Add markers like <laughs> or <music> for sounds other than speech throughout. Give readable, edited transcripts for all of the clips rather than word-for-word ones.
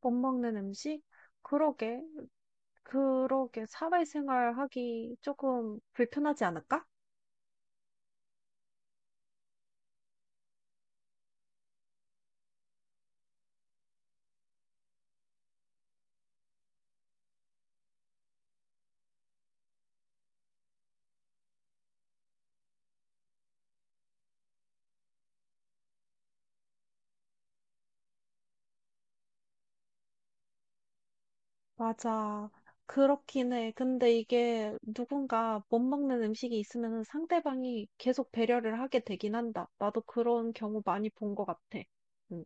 못 먹는 음식? 그러게, 그러게, 사회생활 하기 조금 불편하지 않을까? 맞아. 그렇긴 해. 근데 이게 누군가 못 먹는 음식이 있으면 상대방이 계속 배려를 하게 되긴 한다. 나도 그런 경우 많이 본 것 같아. 응.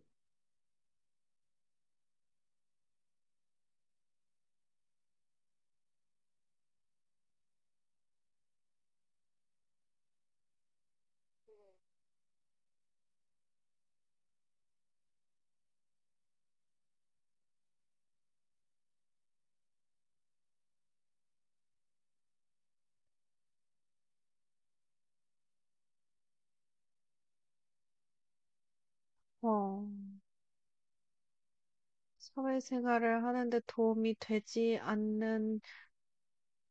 어, 사회생활을 하는데 도움이 되지 않는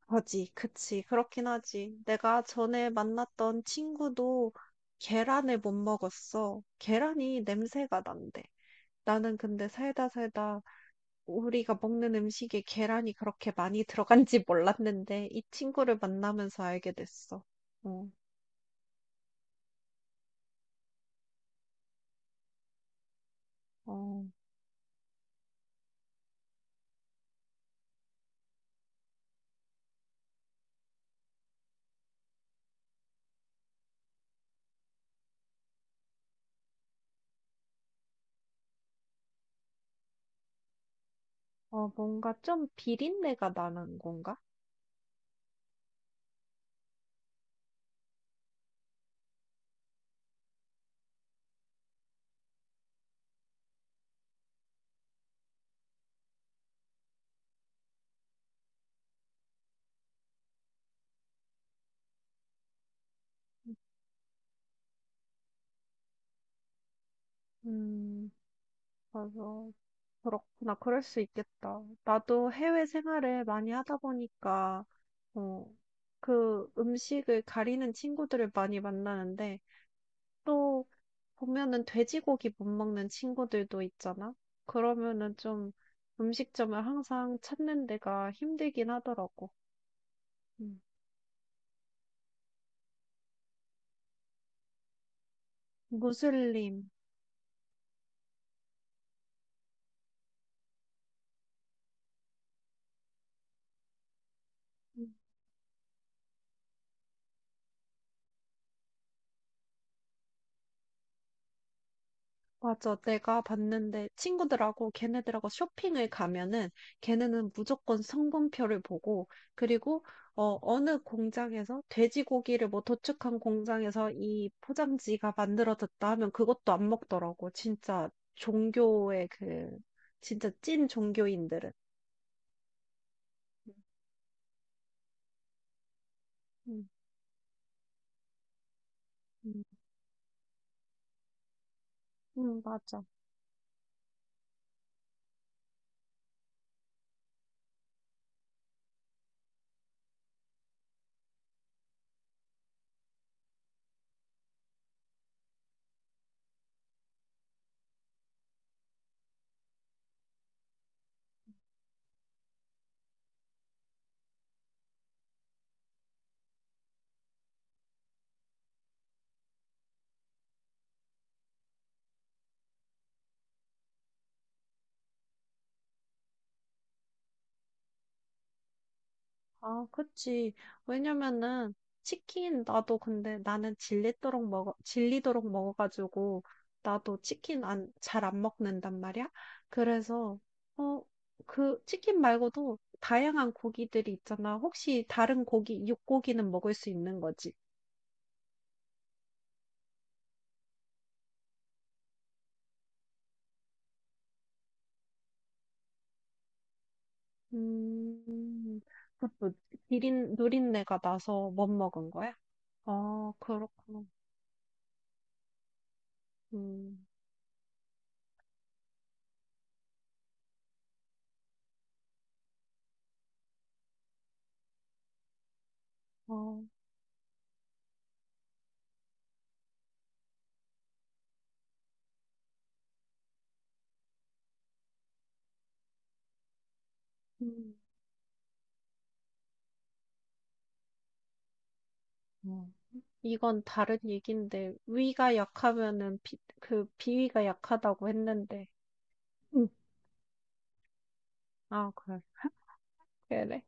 하지, 그치. 그렇긴 하지. 내가 전에 만났던 친구도 계란을 못 먹었어. 계란이 냄새가 난대. 나는 근데 살다 살다 우리가 먹는 음식에 계란이 그렇게 많이 들어간지 몰랐는데 이 친구를 만나면서 알게 됐어. 어, 어, 뭔가 좀 비린내가 나는 건가? 음, 맞아. 그렇구나. 그럴 수 있겠다. 나도 해외 생활을 많이 하다 보니까, 어, 그 음식을 가리는 친구들을 많이 만나는데, 또 보면은 돼지고기 못 먹는 친구들도 있잖아? 그러면은 좀 음식점을 항상 찾는 데가 힘들긴 하더라고. 음. 무슬림. 음. 맞아. 내가 봤는데 친구들하고 걔네들하고 쇼핑을 가면은 걔네는 무조건 성분표를 보고 그리고 어느 공장에서 돼지고기를 뭐 도축한 공장에서 이 포장지가 만들어졌다 하면 그것도 안 먹더라고. 진짜 종교의 그 진짜 찐 종교인들은. 음, 음, 맞아. 아, 그치. 왜냐면은, 치킨, 나도 근데 나는 질리도록 먹어, 질리도록 먹어가지고, 나도 치킨 안, 잘 안 먹는단 말이야. 그래서, 어, 그, 치킨 말고도 다양한 고기들이 있잖아. 혹시 다른 고기, 육고기는 먹을 수 있는 거지. 음, 그것도 누린내가 나서 못 먹은 거야? 아, 그렇구나. 음, 어, 음. 음. 이건 다른 얘기인데 위가 약하면은 그 비위가 약하다고 했는데 음. 아 그래 그래.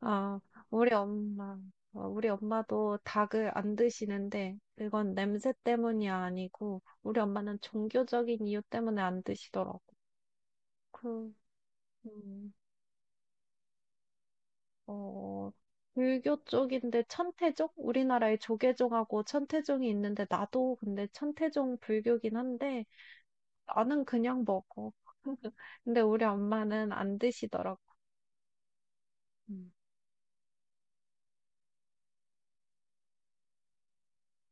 아 우리 엄마 우리 엄마도 닭을 안 드시는데 그건 냄새 때문이 아니고 우리 엄마는 종교적인 이유 때문에 안 드시더라고. 그 음, 어, 불교 쪽인데 천태종. 우리나라에 조계종하고 천태종이 있는데 나도 근데 천태종 불교긴 한데 나는 그냥 먹어. 근데 우리 엄마는 안 드시더라고. 음.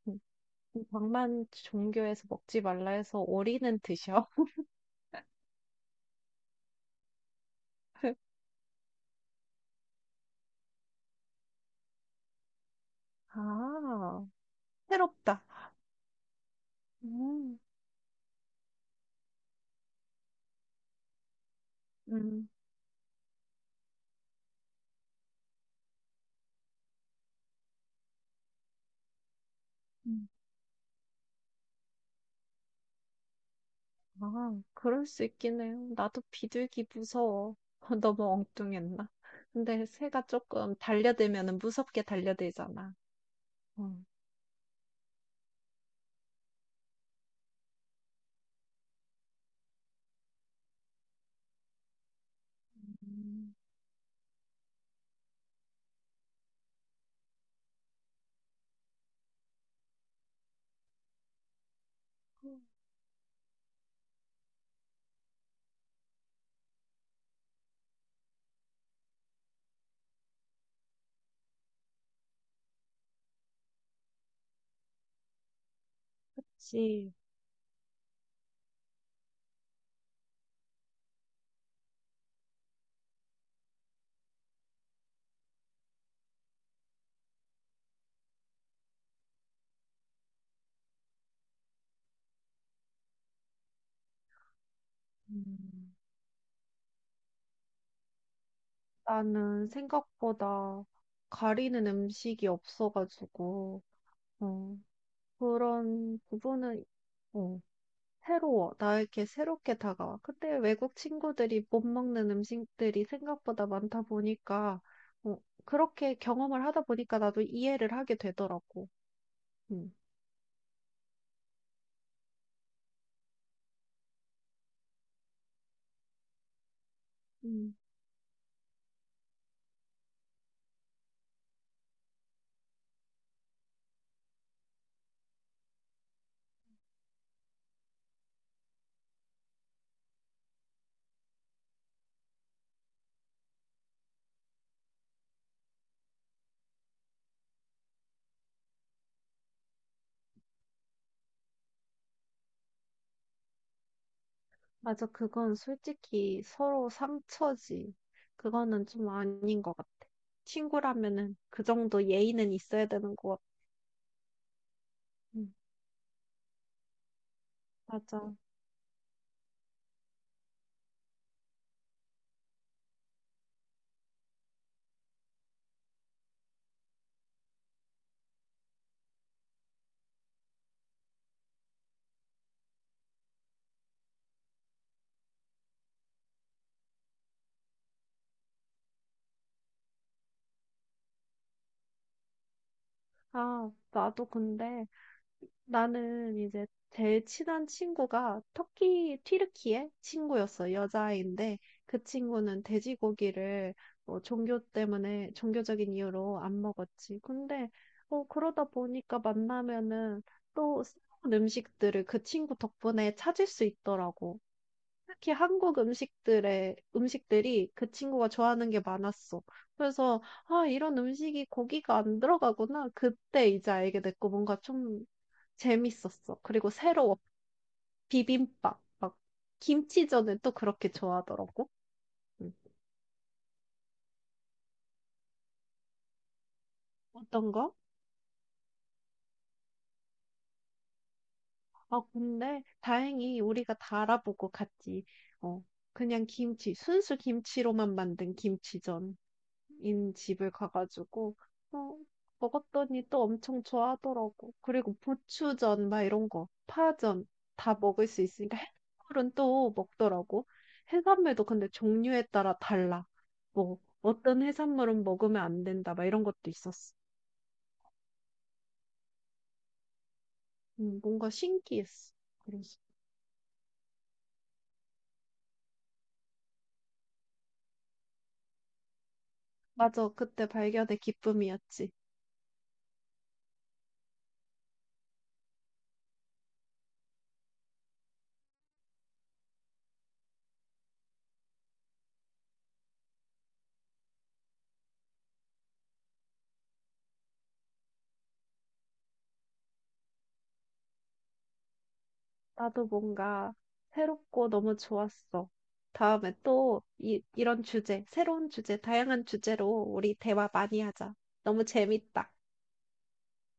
음, 방만 종교에서 먹지 말라 해서 오리는 드셔. <laughs> 아, 새롭다. 음, 음. 음. 아, 그럴 수 있긴 해요. 나도 비둘기 무서워. <laughs> 너무 엉뚱했나? 근데 새가 조금 달려들면은 무섭게 달려들잖아. 어. 음, 그치. 음. 나는 생각보다 가리는 음식이 없어가지고, 어, 그런 부분은 어, 새로워. 나에게 새롭게 다가와. 근데 외국 친구들이 못 먹는 음식들이 생각보다 많다 보니까 어, 그렇게 경험을 하다 보니까 나도 이해를 하게 되더라고. 음. 음. 맞아. 그건 솔직히 서로 상처지. 그거는 좀 아닌 것 같아. 친구라면은 그 정도 예의는 있어야 되는 것 같아. 음, 맞아. 아, 나도 근데 나는 이제 제일 친한 친구가 튀르키예 친구였어. 여자아이인데 그 친구는 돼지고기를 뭐 종교 때문에, 종교적인 이유로 안 먹었지. 근데 그러다 보니까 만나면은 또 새로운 음식들을 그 친구 덕분에 찾을 수 있더라고. 특히 한국 음식들의 음식들이 그 친구가 좋아하는 게 많았어. 그래서 아, 이런 음식이 고기가 안 들어가구나. 그때 이제 알게 됐고 뭔가 좀 재밌었어. 그리고 새로워. 비빔밥. 막 김치전을 또 그렇게 좋아하더라고. 음. 어떤 거? 아, 근데 다행히 우리가 다 알아보고 갔지. 어, 그냥 순수 김치로만 만든 김치전. 인 집을 가가지고 어, 먹었더니 또 엄청 좋아하더라고. 그리고 부추전 막 이런 거, 파전 다 먹을 수 있으니까 해산물은 또 먹더라고. 해산물도 근데 종류에 따라 달라. 뭐 어떤 해산물은 먹으면 안 된다 막 이런 것도 있었어. 뭔가 신기했어. 그래서 맞아, 그때 발견의 기쁨이었지. 나도 뭔가 새롭고 너무 좋았어. 다음에 또 이런 주제, 새로운 주제, 다양한 주제로 우리 대화 많이 하자. 너무 재밌다.